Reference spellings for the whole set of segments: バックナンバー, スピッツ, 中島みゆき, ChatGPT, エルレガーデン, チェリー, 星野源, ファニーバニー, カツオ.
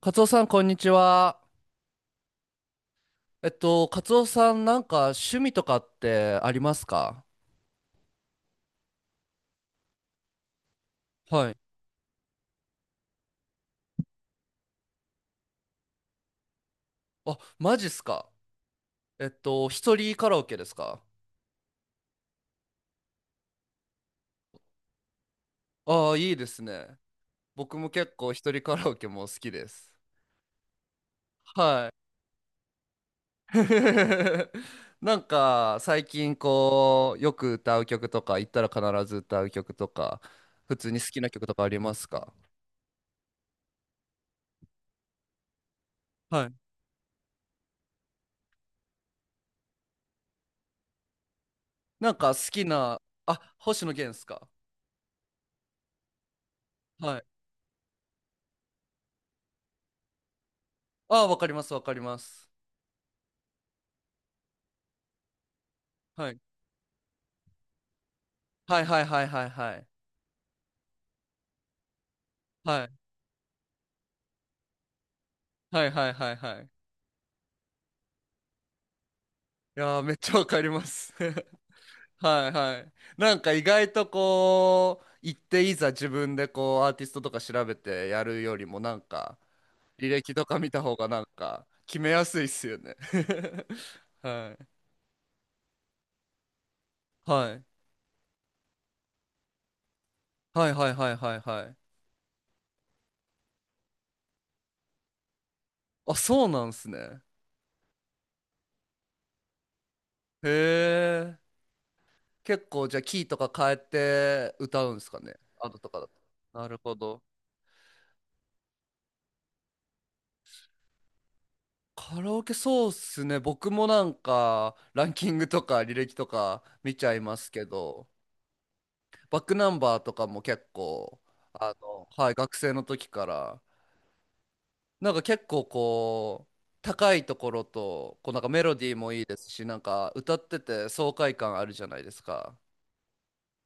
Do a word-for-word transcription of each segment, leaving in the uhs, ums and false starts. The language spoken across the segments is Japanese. カツオさん、こんにちは。えっと、カツオさん、なんか趣味とかってありますか？はい。あ、マジっすか？えっと、一人カラオケですか？ああー、いいですね。僕も結構一人カラオケも好きです。はい。なんか、最近こう、よく歌う曲とか、行ったら必ず歌う曲とか、普通に好きな曲とかありますか？はい。なんか好きな、あ、星野源っすか？はい。ああ、わかります、わかります。はいはいはいはいはいはい。はいはいはいはいはい。いやー、めっちゃわかります。はいはい。なんか意外とこう、行っていざ自分でこう、アーティストとか調べてやるよりもなんか、履歴とか見た方がなんか、決めやすいっすよね。はい。はい。はいはいはいはいはい。あ、そうなんすね。へえ。結構じゃあキーとか変えて歌うんすかね。アドとかだと。なるほど。カラオケそうっすね。僕もなんかランキングとか履歴とか見ちゃいますけど、バックナンバーとかも結構、あの、はい、学生の時から、なんか結構こう、高いところと、こうなんかメロディーもいいですし、なんか歌ってて爽快感あるじゃないですか。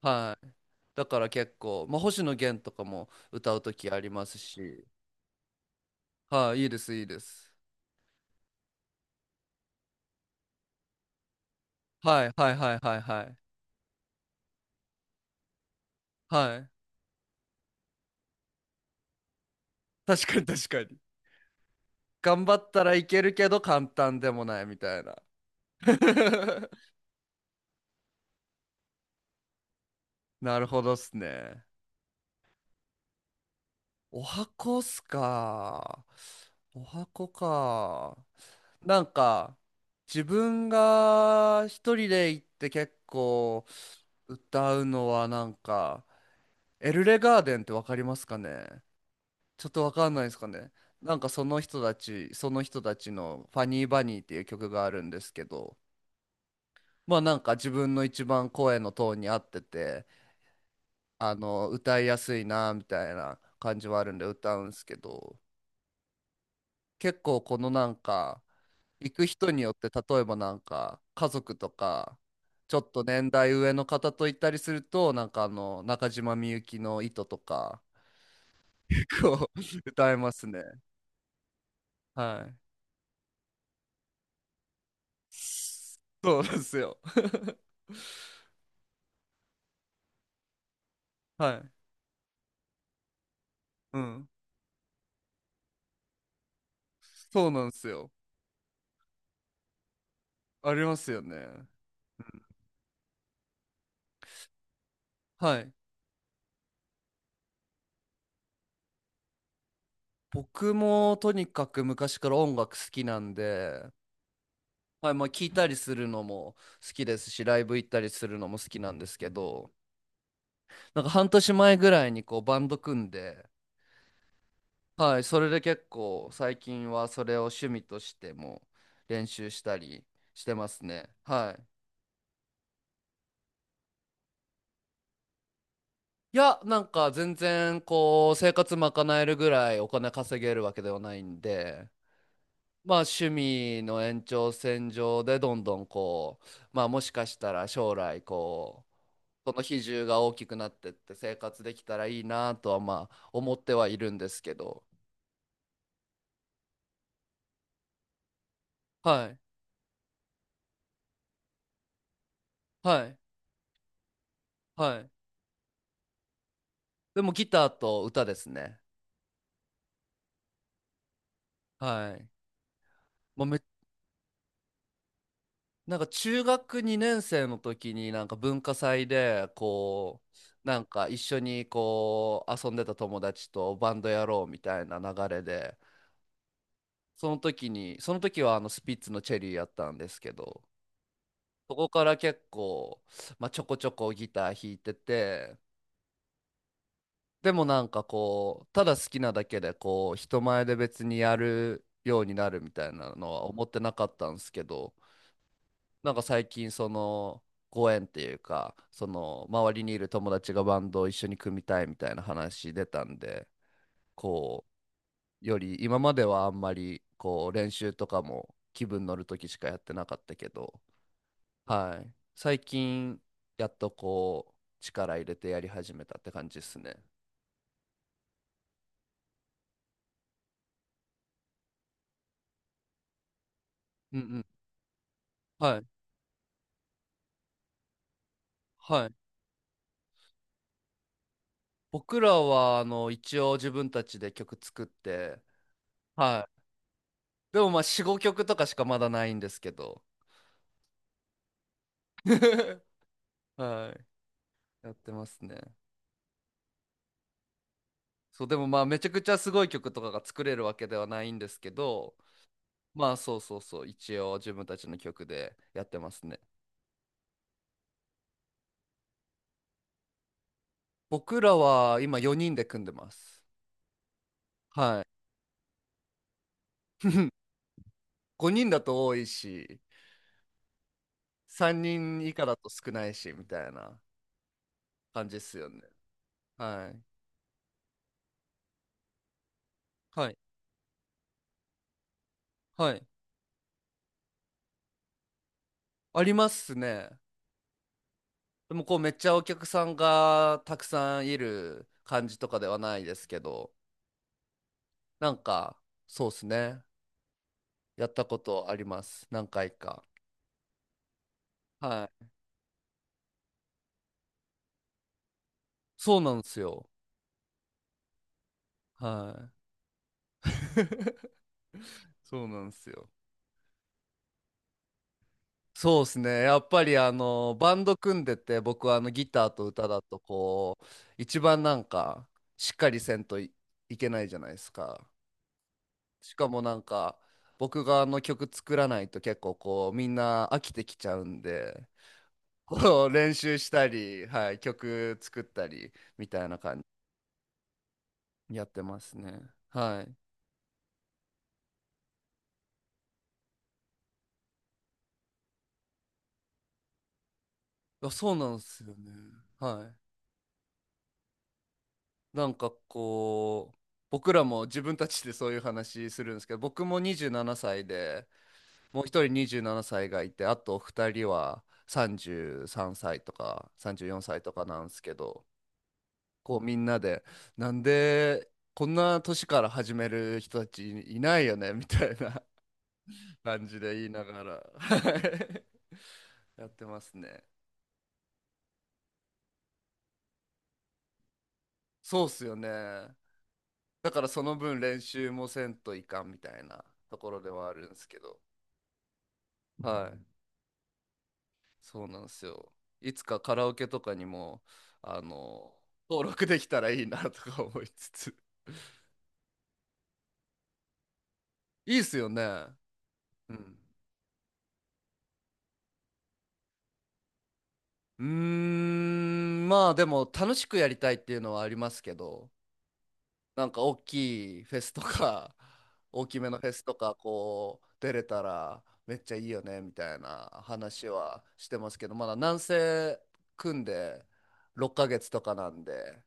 はい。だから結構、まあ、星野源とかも歌う時ありますし、はい、いいです、いいです。はい、はい、はい、はい、はい。はい。確かに確かに。頑張ったらいけるけど簡単でもないみたいな。なるほどっすね。お箱っすか？お箱か。なんか、自分が一人で行って結構歌うのはなんか、エルレガーデンってわかりますかね？ちょっとわかんないですかね。なんかその人たち、その人たちのファニーバニーっていう曲があるんですけど、まあなんか自分の一番声のトーンに合ってて、あの歌いやすいなみたいな感じはあるんで歌うんですけど、結構このなんか行く人によって例えばなんか家族とかちょっと年代上の方と行ったりするとなんかあの中島みゆきの「糸」とかこう 歌えますね。はい。そうなんですよ。 はい。うん。そうなんですよ。ありますよね。はい。僕もとにかく昔から音楽好きなんで、はい、まあ聞いたりするのも好きですし、ライブ行ったりするのも好きなんですけど、なんか半年前ぐらいにこうバンド組んで、はい、それで結構最近はそれを趣味としても練習したりしてますね。はい。いや、なんか全然こう生活賄えるぐらいお金稼げるわけではないんで、まあ趣味の延長線上でどんどんこう、まあもしかしたら将来こう、その比重が大きくなってって生活できたらいいなとはまあ思ってはいるんですけど。はい、はい、はい、でもギターと歌ですね。はい。もうめ、なんか中学にねん生の時になんか文化祭でこうなんか一緒にこう遊んでた友達とバンドやろうみたいな流れで、その時にその時はあのスピッツのチェリーやったんですけど、そこから結構、まあ、ちょこちょこギター弾いてて、でもなんかこう、ただ好きなだけでこう、人前で別にやるようになるみたいなのは思ってなかったんですけど、なんか最近その、ご縁っていうか、その、周りにいる友達がバンドを一緒に組みたいみたいな話出たんで、こう、より今まではあんまりこう、練習とかも気分乗るときしかやってなかったけど、はい。最近、やっとこう、力入れてやり始めたって感じですね。うんうん。はい。はい。僕らは、あの、一応自分たちで曲作って、はい。でもまあ、よん、ごきょくとかしかまだないんですけど、はい。やってますね。そう、でもまあ、めちゃくちゃすごい曲とかが作れるわけではないんですけど、まあ、そうそうそう、一応自分たちの曲でやってますね。僕らは今よにんで組んでます。はい。ごにんだと多いし、さんにん以下だと少ないし、みたいな感じですよね。はい。はい。はい。ありますね。でもこうめっちゃお客さんがたくさんいる感じとかではないですけど、なんかそうですね。やったことあります。何回か。はい。そうなんですよ。はい。そうなんですよ。そうですね。やっぱりあのバンド組んでて僕はあのギターと歌だとこう一番なんかしっかりせんとい、いけないじゃないですか。しかもなんか僕があの曲作らないと結構こうみんな飽きてきちゃうんで。こう練習したり、はい、曲作ったりみたいな感じやってますね。はい。あ、そうなんですよね。はい。なんかこう、僕らも自分たちでそういう話するんですけど、僕もにじゅうななさいで、もう一人にじゅうななさいがいて、あとふたりはさんじゅうさんさいとかさんじゅうよんさいとかなんですけど、こうみんなで、なんでこんな年から始める人たちいないよねみたいな感じで言いながら やってますね。そうっすよね。だからその分練習もせんといかんみたいなところではあるんですけど、はい、そうなんですよ。いつかカラオケとかにも、あの、登録できたらいいなとか思いつつ。いいっすよね。うん。うーん、まあでも楽しくやりたいっていうのはありますけど、なんか大きいフェスとか、大きめのフェスとか、こう、出れたらめっちゃいいよね、みたいな話はしてますけど、まだ南西組んでろっかげつとかなんで、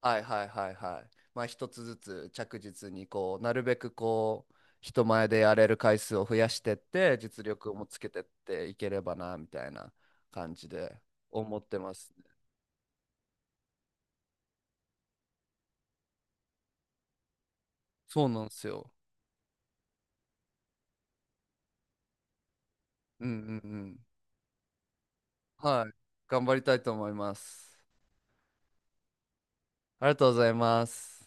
はいはいはいはい。まあ一つずつ着実にこう、なるべくこう、人前でやれる回数を増やしてって、実力もつけてっていければな、みたいな感じで思ってます。そうなんですよ。うんうんうん。はい。頑張りたいと思います。ありがとうございます。